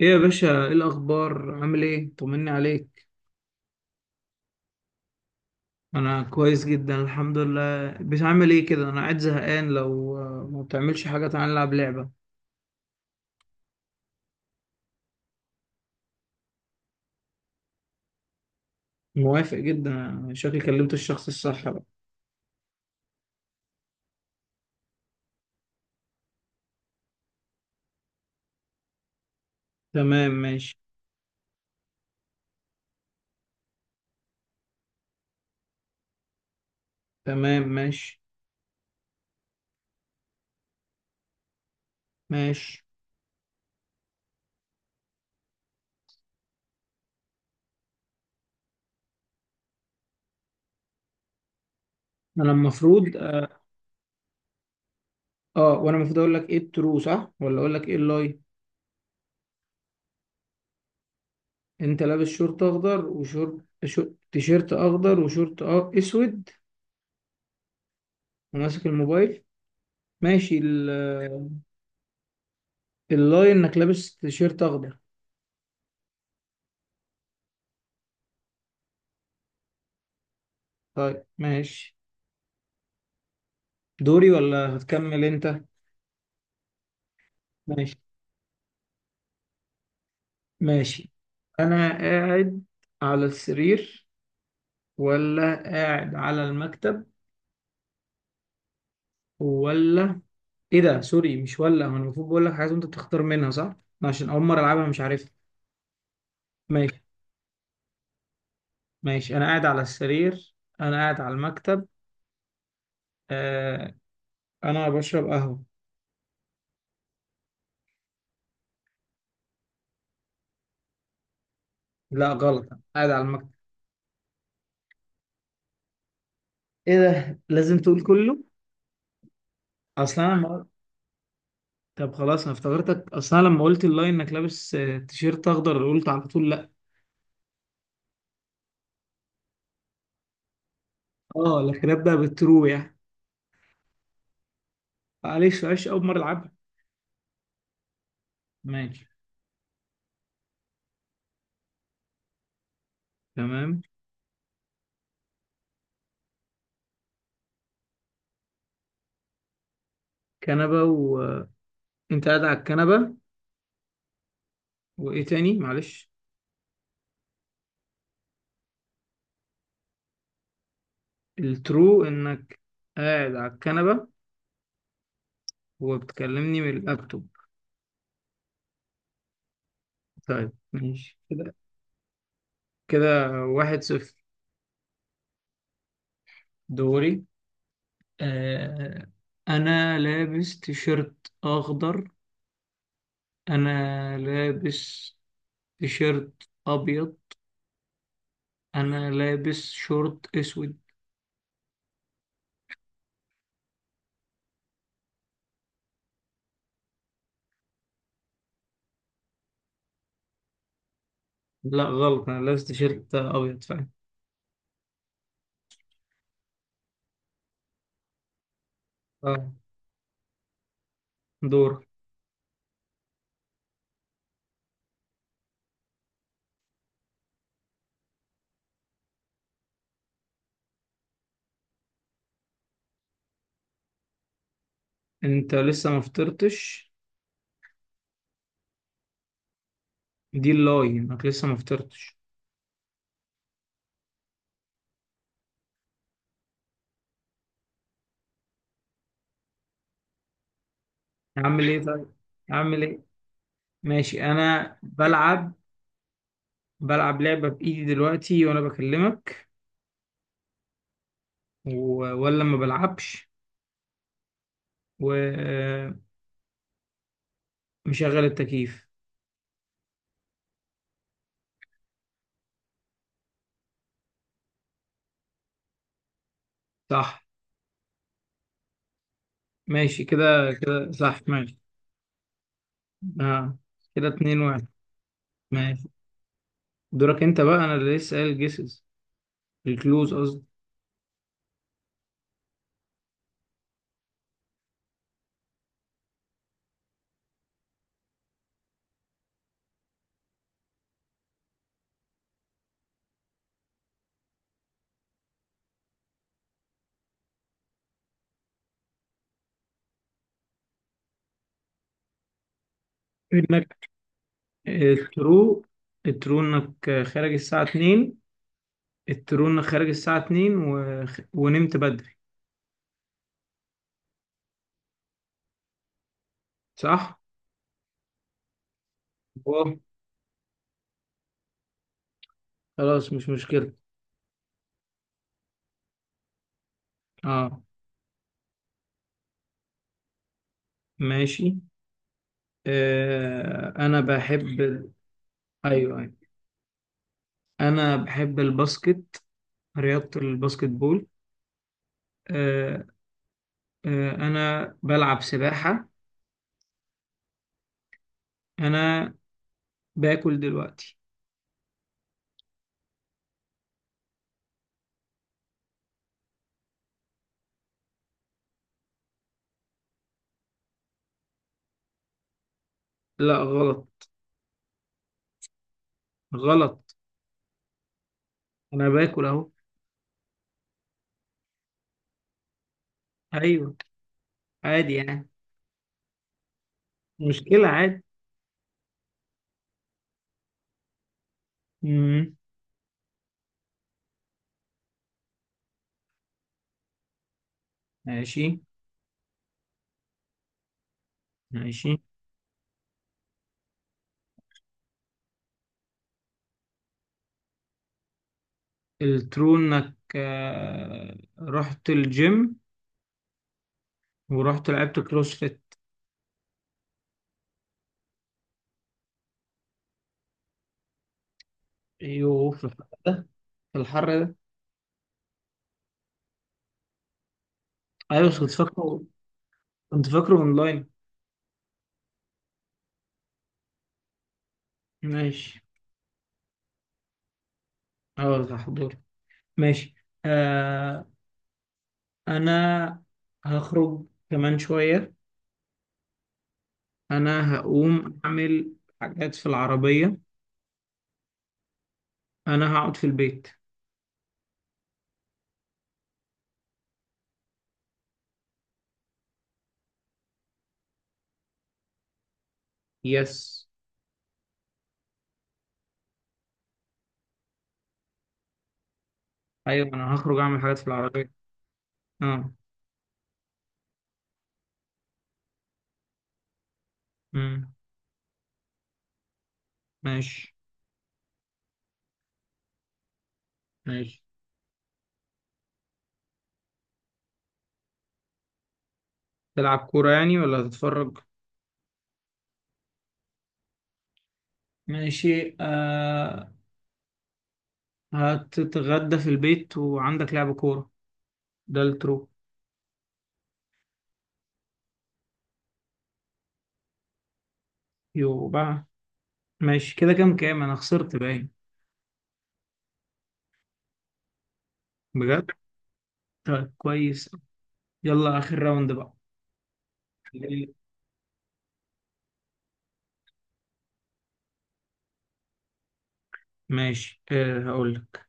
ايه يا باشا، ايه الاخبار؟ عامل ايه؟ طمني عليك. انا كويس جدا، الحمد لله. بتعمل ايه كده؟ انا قاعد زهقان، لو ما بتعملش حاجه تعالى نلعب لعبه. موافق جدا، شكلي كلمت الشخص الصح بقى. تمام ماشي. تمام ماشي. ماشي انا المفروض اه. وانا المفروض اقول لك ايه الترو صح ولا اقول لك ايه اللاي؟ انت لابس شورت اخضر وشورت تيشيرت اخضر وشورت اسود وماسك الموبايل. ماشي اللاي انك لابس تيشيرت اخضر. طيب ماشي. دوري ولا هتكمل انت؟ ماشي. ماشي. انا قاعد على السرير ولا قاعد على المكتب، ولا ايه ده؟ سوري مش ولا، هو انا المفروض بقول لك حاجه وانت بتختار منها صح أنا؟ عشان اول مره العبها مش عارفها. ماشي. ماشي انا قاعد على السرير. انا قاعد على المكتب. آه انا بشرب قهوه. لا غلط، أنا قاعد على المكتب. ايه ده، لازم تقول كله؟ اصلا انا. طب خلاص، انا افتكرتك اصلا لما قلت اللاين انك لابس تيشيرت اخضر قلت على طول لا. اه لكن ابدا بالترو يعني. معلش معلش اول مره العبها. ماشي. تمام. كنبه، وانت قاعد على الكنبه، وايه تاني معلش. الترو انك قاعد على الكنبه وبتكلمني من اللابتوب. طيب ماشي كده. كده واحد صفر. دوري. آه انا لابس تيشيرت اخضر. انا لابس تيشيرت ابيض. انا لابس شورت اسود. لا غلط، انا لابس تيشيرت ابيض فعلا. اه. دور. انت لسه ما فطرتش. دي اللاي انك لسه ما فطرتش. اعمل ايه طيب؟ اعمل ايه؟ ماشي انا بلعب. بلعب لعبة بايدي دلوقتي وانا بكلمك و... ولا ما بلعبش، ومشغل التكييف. صح ماشي كده. كده صح ماشي. اه. كده اتنين واحد. ماشي. دورك انت بقى. انا اللي لسه قايل جيسز، الكلوز قصدي. انك الترو. الترو انك خارج الساعة 2. الترو انك خارج الساعة 2 ونمت بدري. صح؟ أوه. خلاص مش مشكلة. اه ماشي. آه انا بحب ايوه ايوه انا بحب الباسكت، رياضة الباسكت بول. آه. آه انا بلعب سباحة. انا باكل دلوقتي. لا غلط. غلط. انا باكل اهو. ايوه، عادي يعني. مش مشكلة عادي. مم. ماشي. ماشي الترو انك رحت الجيم ورحت لعبت كروس فيت. ايوه في الحر ده. في الحر ده. ايوه بس كنت فاكره. كنت فاكره اونلاين. ماشي. اه ده حضور. ماشي. آه انا هخرج كمان شوية. انا هقوم اعمل حاجات في العربية. انا هقعد في البيت. يس. ايوه انا هخرج اعمل حاجات في العربية. اه. امم. ماشي. ماشي. تلعب كورة يعني ولا هتتفرج؟ ماشي آه. هتتغدى في البيت وعندك لعب كورة، ده الترو. يو بقى. ماشي كده، كام كام انا خسرت باين. بجد؟ طيب كويس. يلا اخر راوند بقى. ماشي آه هقول لك.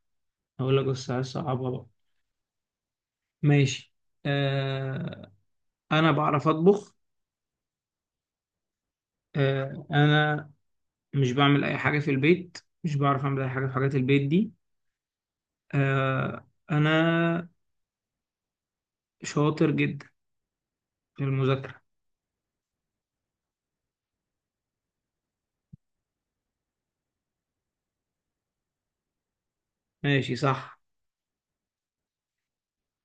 هقول لك بس عايز صعبها بقى. ماشي. آه انا بعرف اطبخ. آه انا مش بعمل اي حاجة في البيت. مش بعرف اعمل اي حاجة في حاجات البيت دي. آه انا شاطر جدا في المذاكرة. ماشي صح.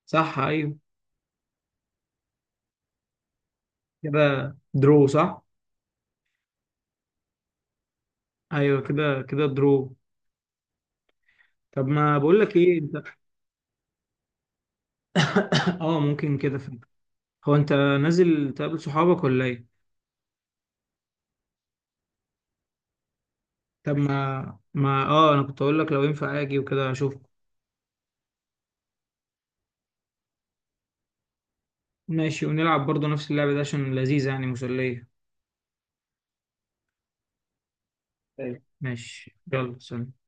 صح ايوه. كده درو صح. ايوه كده كده درو. طب ما بقول لك ايه انت. اه ممكن كده فعلا. هو انت نازل تقابل صحابك ولا ايه؟ طب ما ما اه انا كنت اقول لك لو ينفع اجي وكده اشوفك. ماشي ونلعب برضه نفس اللعبة دي عشان لذيذة يعني مسلية. طيب. ماشي يلا سلام.